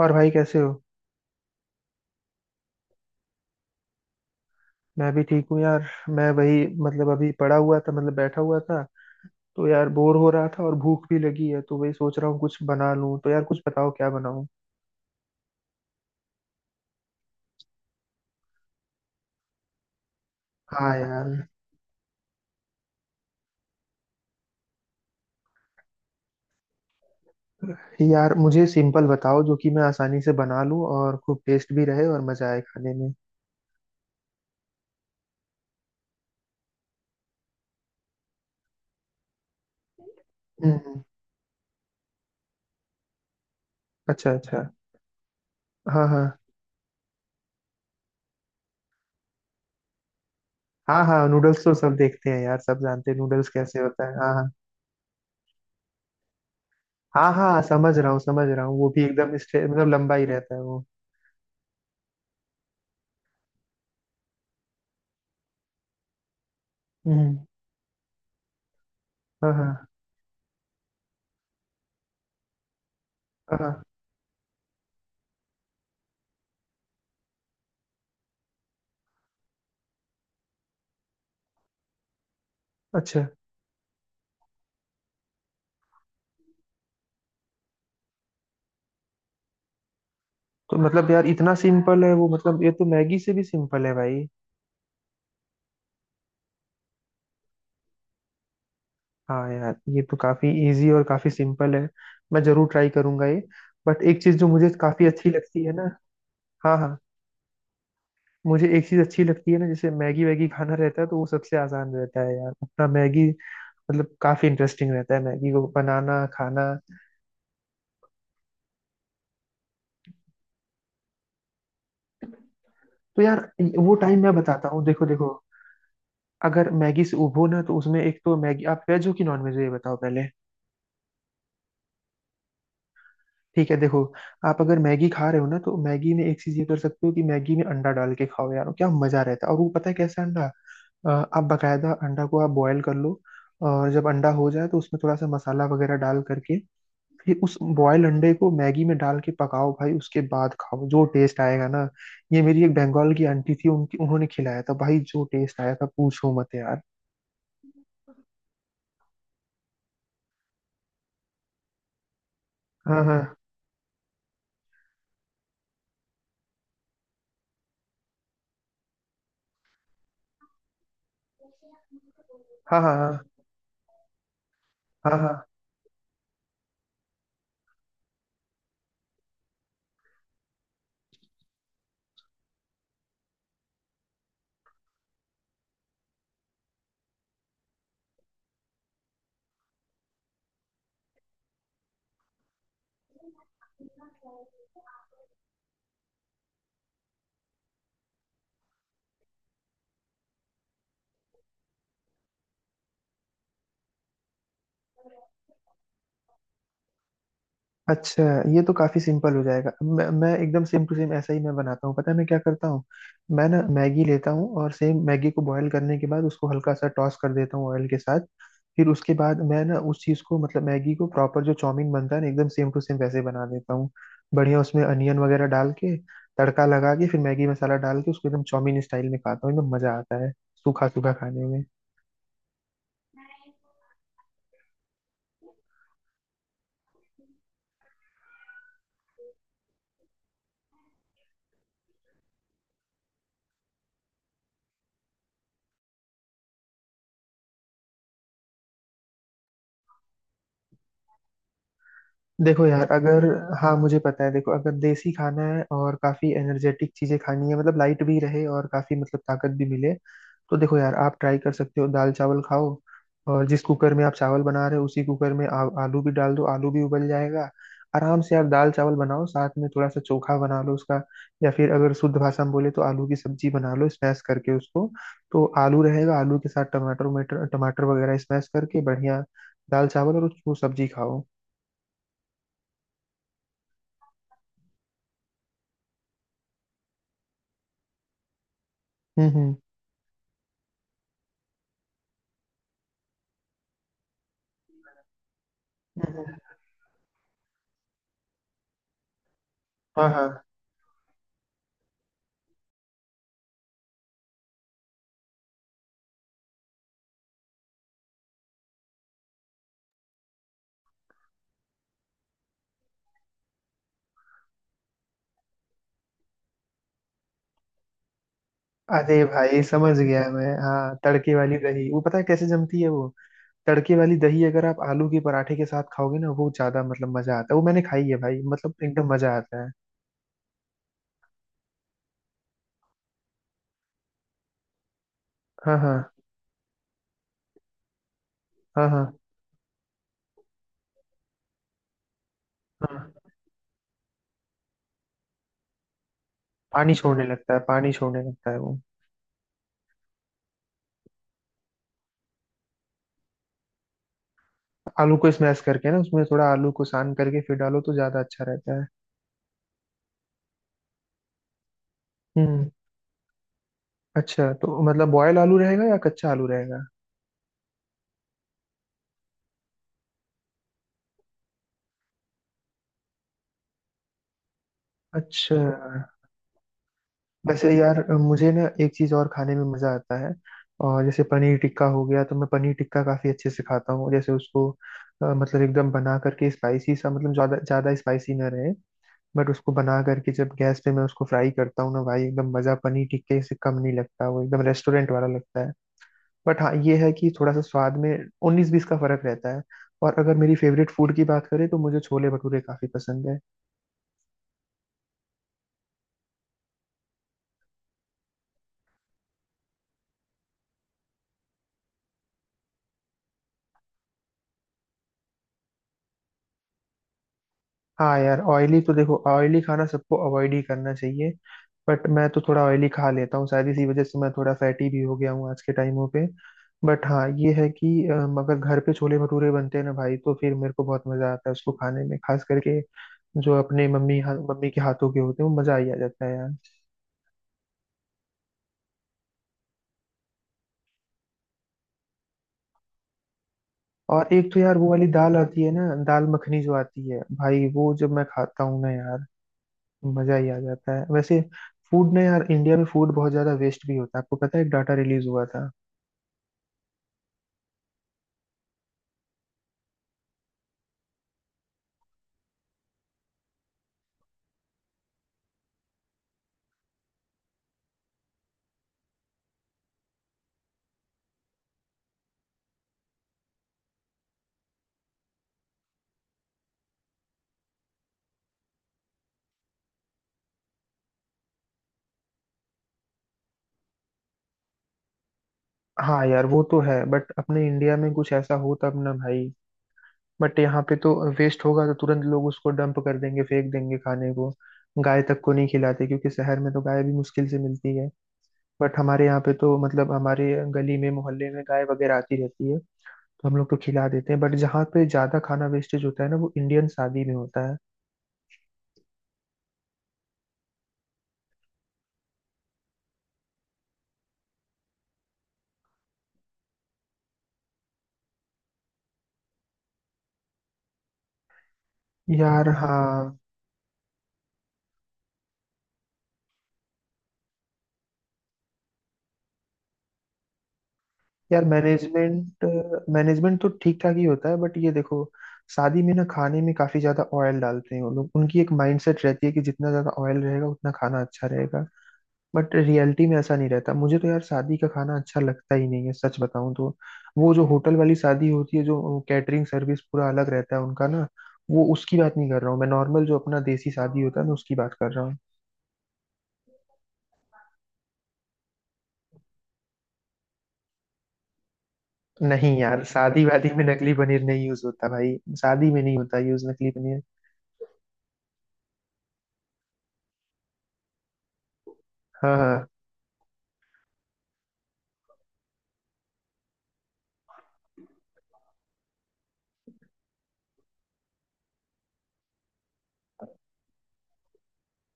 और भाई कैसे हो? मैं भी ठीक हूँ यार। मैं वही, मतलब अभी पड़ा हुआ था, मतलब बैठा हुआ था। तो यार बोर हो रहा था और भूख भी लगी है, तो वही सोच रहा हूँ कुछ बना लूँ। तो यार कुछ बताओ, क्या बनाऊँ? हाँ यार। यार मुझे सिंपल बताओ जो कि मैं आसानी से बना लूँ और खूब टेस्ट भी रहे और मजा आए खाने में। हम्म। अच्छा अच्छा। हाँ हाँ। हाँ हाँ, नूडल्स तो सब देखते हैं यार, सब जानते हैं नूडल्स कैसे होता है। हाँ हाँ। हाँ हाँ, समझ रहा हूँ समझ रहा हूँ। वो भी एकदम मतलब लंबा ही रहता है वो। हम्म। हाँ हाँ। हाँ। अच्छा। तो मतलब यार इतना सिंपल है वो? मतलब ये तो मैगी से भी सिंपल है भाई। हाँ यार, ये तो काफी इजी और काफी सिंपल है। मैं जरूर ट्राई करूंगा ये। बट एक चीज जो मुझे काफी अच्छी लगती है ना। हाँ हाँ। मुझे एक चीज अच्छी लगती है ना, जैसे मैगी वैगी खाना रहता है, तो वो सबसे आसान रहता है यार, अपना मैगी। मतलब काफी इंटरेस्टिंग रहता है मैगी को बनाना खाना। तो यार वो टाइम मैं बताता हूँ, देखो देखो। अगर मैगी से उबो ना, तो उसमें एक तो मैगी आप वेज हो कि नॉन वेज हो, ये बताओ पहले। ठीक है, देखो। आप अगर मैगी खा रहे हो ना, तो मैगी में एक चीज ये कर सकते हो कि मैगी में अंडा डाल के खाओ यार, क्या मजा रहता है। और वो पता है कैसा अंडा? आप बकायदा अंडा को आप बॉयल कर लो। और जब अंडा हो जाए तो उसमें थोड़ा सा मसाला वगैरह डाल करके, फिर उस बॉयल अंडे को मैगी में डाल के पकाओ भाई, उसके बाद खाओ, जो टेस्ट आएगा ना। ये मेरी एक बंगाल की आंटी थी उनकी, उन्होंने खिलाया था भाई, जो टेस्ट आया था पूछो मत यार। हाँ हाँ, हाँ हाँ, हाँ हाँ, हाँ। अच्छा ये तो काफी सिंपल हो जाएगा। मैं एकदम सेम टू सेम ऐसा ही मैं बनाता हूँ, पता है मैं क्या करता हूँ। मैं ना मैगी लेता हूँ, और सेम मैगी को बॉईल करने के बाद उसको हल्का सा टॉस कर देता हूँ ऑयल के साथ। फिर उसके बाद मैं ना उस चीज को, मतलब मैगी को, प्रॉपर जो चाउमीन बनता है ना एकदम सेम टू सेम वैसे बना देता हूँ। बढ़िया उसमें अनियन वगैरह डाल के, तड़का लगा के, फिर मैगी मसाला डाल के उसको एकदम चाउमीन स्टाइल में खाता हूँ, एकदम मजा आता है सूखा सूखा खाने में। देखो यार, अगर हाँ मुझे पता है, देखो अगर देसी खाना है और काफी एनर्जेटिक चीजें खानी है, मतलब लाइट भी रहे और काफी मतलब ताकत भी मिले, तो देखो यार आप ट्राई कर सकते हो, दाल चावल खाओ। और जिस कुकर में आप चावल बना रहे हो, उसी कुकर में आलू भी डाल दो, आलू भी उबल जाएगा आराम से। आप दाल चावल बनाओ, साथ में थोड़ा सा चोखा बना लो उसका। या फिर अगर शुद्ध भाषा में बोले, तो आलू की सब्जी बना लो, स्मैश करके उसको। तो आलू रहेगा, आलू के साथ टमाटर, टमाटर टमाटर वगैरह स्मैश करके बढ़िया। दाल चावल और वो सब्जी खाओ। हम्म। हम्म। हाँ हाँ। अरे भाई समझ गया मैं, हाँ तड़के वाली दही, वो पता है कैसे जमती है वो। तड़के वाली दही अगर आप आलू के पराठे के साथ खाओगे ना, वो ज्यादा मतलब मजा आता है, वो मैंने खाई है भाई, मतलब एकदम मजा आता है। हाँ हाँ। हाँ हाँ। हाँ। पानी छोड़ने लगता है, पानी छोड़ने लगता है वो। आलू को स्मैश करके ना, उसमें थोड़ा आलू को सान करके फिर डालो तो ज्यादा अच्छा रहता है। हम्म। अच्छा तो मतलब बॉयल आलू रहेगा या कच्चा आलू रहेगा? अच्छा। वैसे यार मुझे ना एक चीज़ और खाने में मज़ा आता है। और जैसे पनीर टिक्का हो गया, तो मैं पनीर टिक्का काफ़ी अच्छे से खाता हूँ। जैसे उसको मतलब एकदम बना करके स्पाइसी सा, मतलब ज़्यादा ज़्यादा स्पाइसी ना रहे। बट उसको बना करके जब गैस पे मैं उसको फ्राई करता हूँ ना भाई, एकदम मज़ा पनीर टिक्के से कम नहीं लगता, वो एकदम रेस्टोरेंट वाला लगता है। बट हाँ ये है कि थोड़ा सा स्वाद में उन्नीस बीस का फ़र्क रहता है। और अगर मेरी फेवरेट फूड की बात करें तो मुझे छोले भटूरे काफ़ी पसंद है। हाँ यार, ऑयली तो देखो, ऑयली खाना सबको अवॉइड ही करना चाहिए। बट मैं तो थोड़ा ऑयली खा लेता हूँ, शायद इसी वजह से मैं थोड़ा फैटी भी हो गया हूँ आज के टाइमों पे। बट हाँ ये है कि अगर घर पे छोले भटूरे बनते हैं ना भाई, तो फिर मेरे को बहुत मजा आता है उसको खाने में, खास करके जो अपने मम्मी मम्मी के हाथों के होते हैं, वो मजा ही आ जाता है यार। और एक तो यार वो वाली दाल आती है ना, दाल मखनी जो आती है भाई, वो जब मैं खाता हूँ ना यार, मजा ही आ जाता है वैसे। फूड ना यार, इंडिया में फूड बहुत ज्यादा वेस्ट भी होता है, आपको पता है एक डाटा रिलीज हुआ था। हाँ यार, वो तो है बट अपने इंडिया में कुछ ऐसा हो तब ना भाई। बट यहाँ पे तो वेस्ट होगा तो तुरंत लोग उसको डंप कर देंगे, फेंक देंगे खाने को। गाय तक को नहीं खिलाते, क्योंकि शहर में तो गाय भी मुश्किल से मिलती है। बट हमारे यहाँ पे तो, मतलब हमारे गली में मोहल्ले में गाय वगैरह आती रहती है, तो हम लोग तो खिला देते हैं। बट जहाँ पे ज्यादा खाना वेस्टेज होता है ना, वो इंडियन शादी में होता है। यार हाँ यार, मैनेजमेंट, मैनेजमेंट तो ठीक ठाक ही होता है। बट ये देखो, शादी में ना खाने में काफी ज्यादा ऑयल डालते हैं वो लोग। उनकी एक माइंडसेट रहती है कि जितना ज्यादा ऑयल रहेगा उतना खाना अच्छा रहेगा। बट रियलिटी में ऐसा नहीं रहता। मुझे तो यार शादी का खाना अच्छा लगता ही नहीं है, सच बताऊं तो। वो जो होटल वाली शादी होती है, जो कैटरिंग सर्विस पूरा अलग रहता है उनका ना, वो उसकी बात नहीं कर रहा हूँ मैं। नॉर्मल जो अपना देसी शादी होता है ना, उसकी बात कर रहा हूँ। नहीं यार, शादी वादी में नकली पनीर नहीं यूज होता भाई। शादी में नहीं होता यूज नकली पनीर। हाँ हाँ।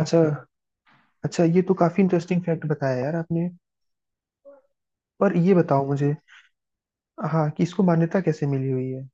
अच्छा। अच्छा ये तो काफी इंटरेस्टिंग फैक्ट बताया यार आपने। पर ये बताओ मुझे, हाँ कि इसको मान्यता कैसे मिली हुई है?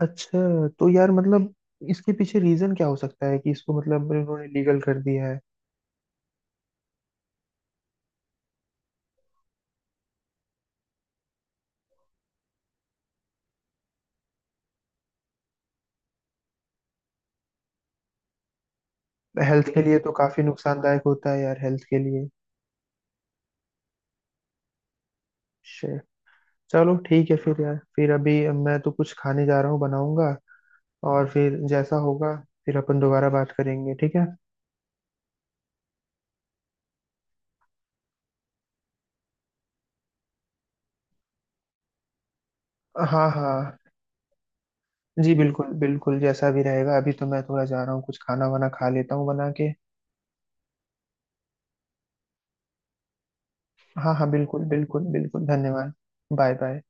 अच्छा तो यार, मतलब इसके पीछे रीजन क्या हो सकता है कि इसको मतलब उन्होंने लीगल कर दिया है? हेल्थ के लिए तो काफी नुकसानदायक होता है यार, हेल्थ के लिए। Shit. चलो ठीक है, फिर यार फिर अभी मैं तो कुछ खाने जा रहा हूँ, बनाऊंगा और फिर जैसा होगा फिर अपन दोबारा बात करेंगे, ठीक है। हाँ हाँ। जी बिल्कुल बिल्कुल, जैसा भी रहेगा, अभी तो मैं थोड़ा जा रहा हूँ, कुछ खाना वाना खा लेता हूँ बना के। हाँ हाँ, बिल्कुल बिल्कुल बिल्कुल, धन्यवाद। Bye bye.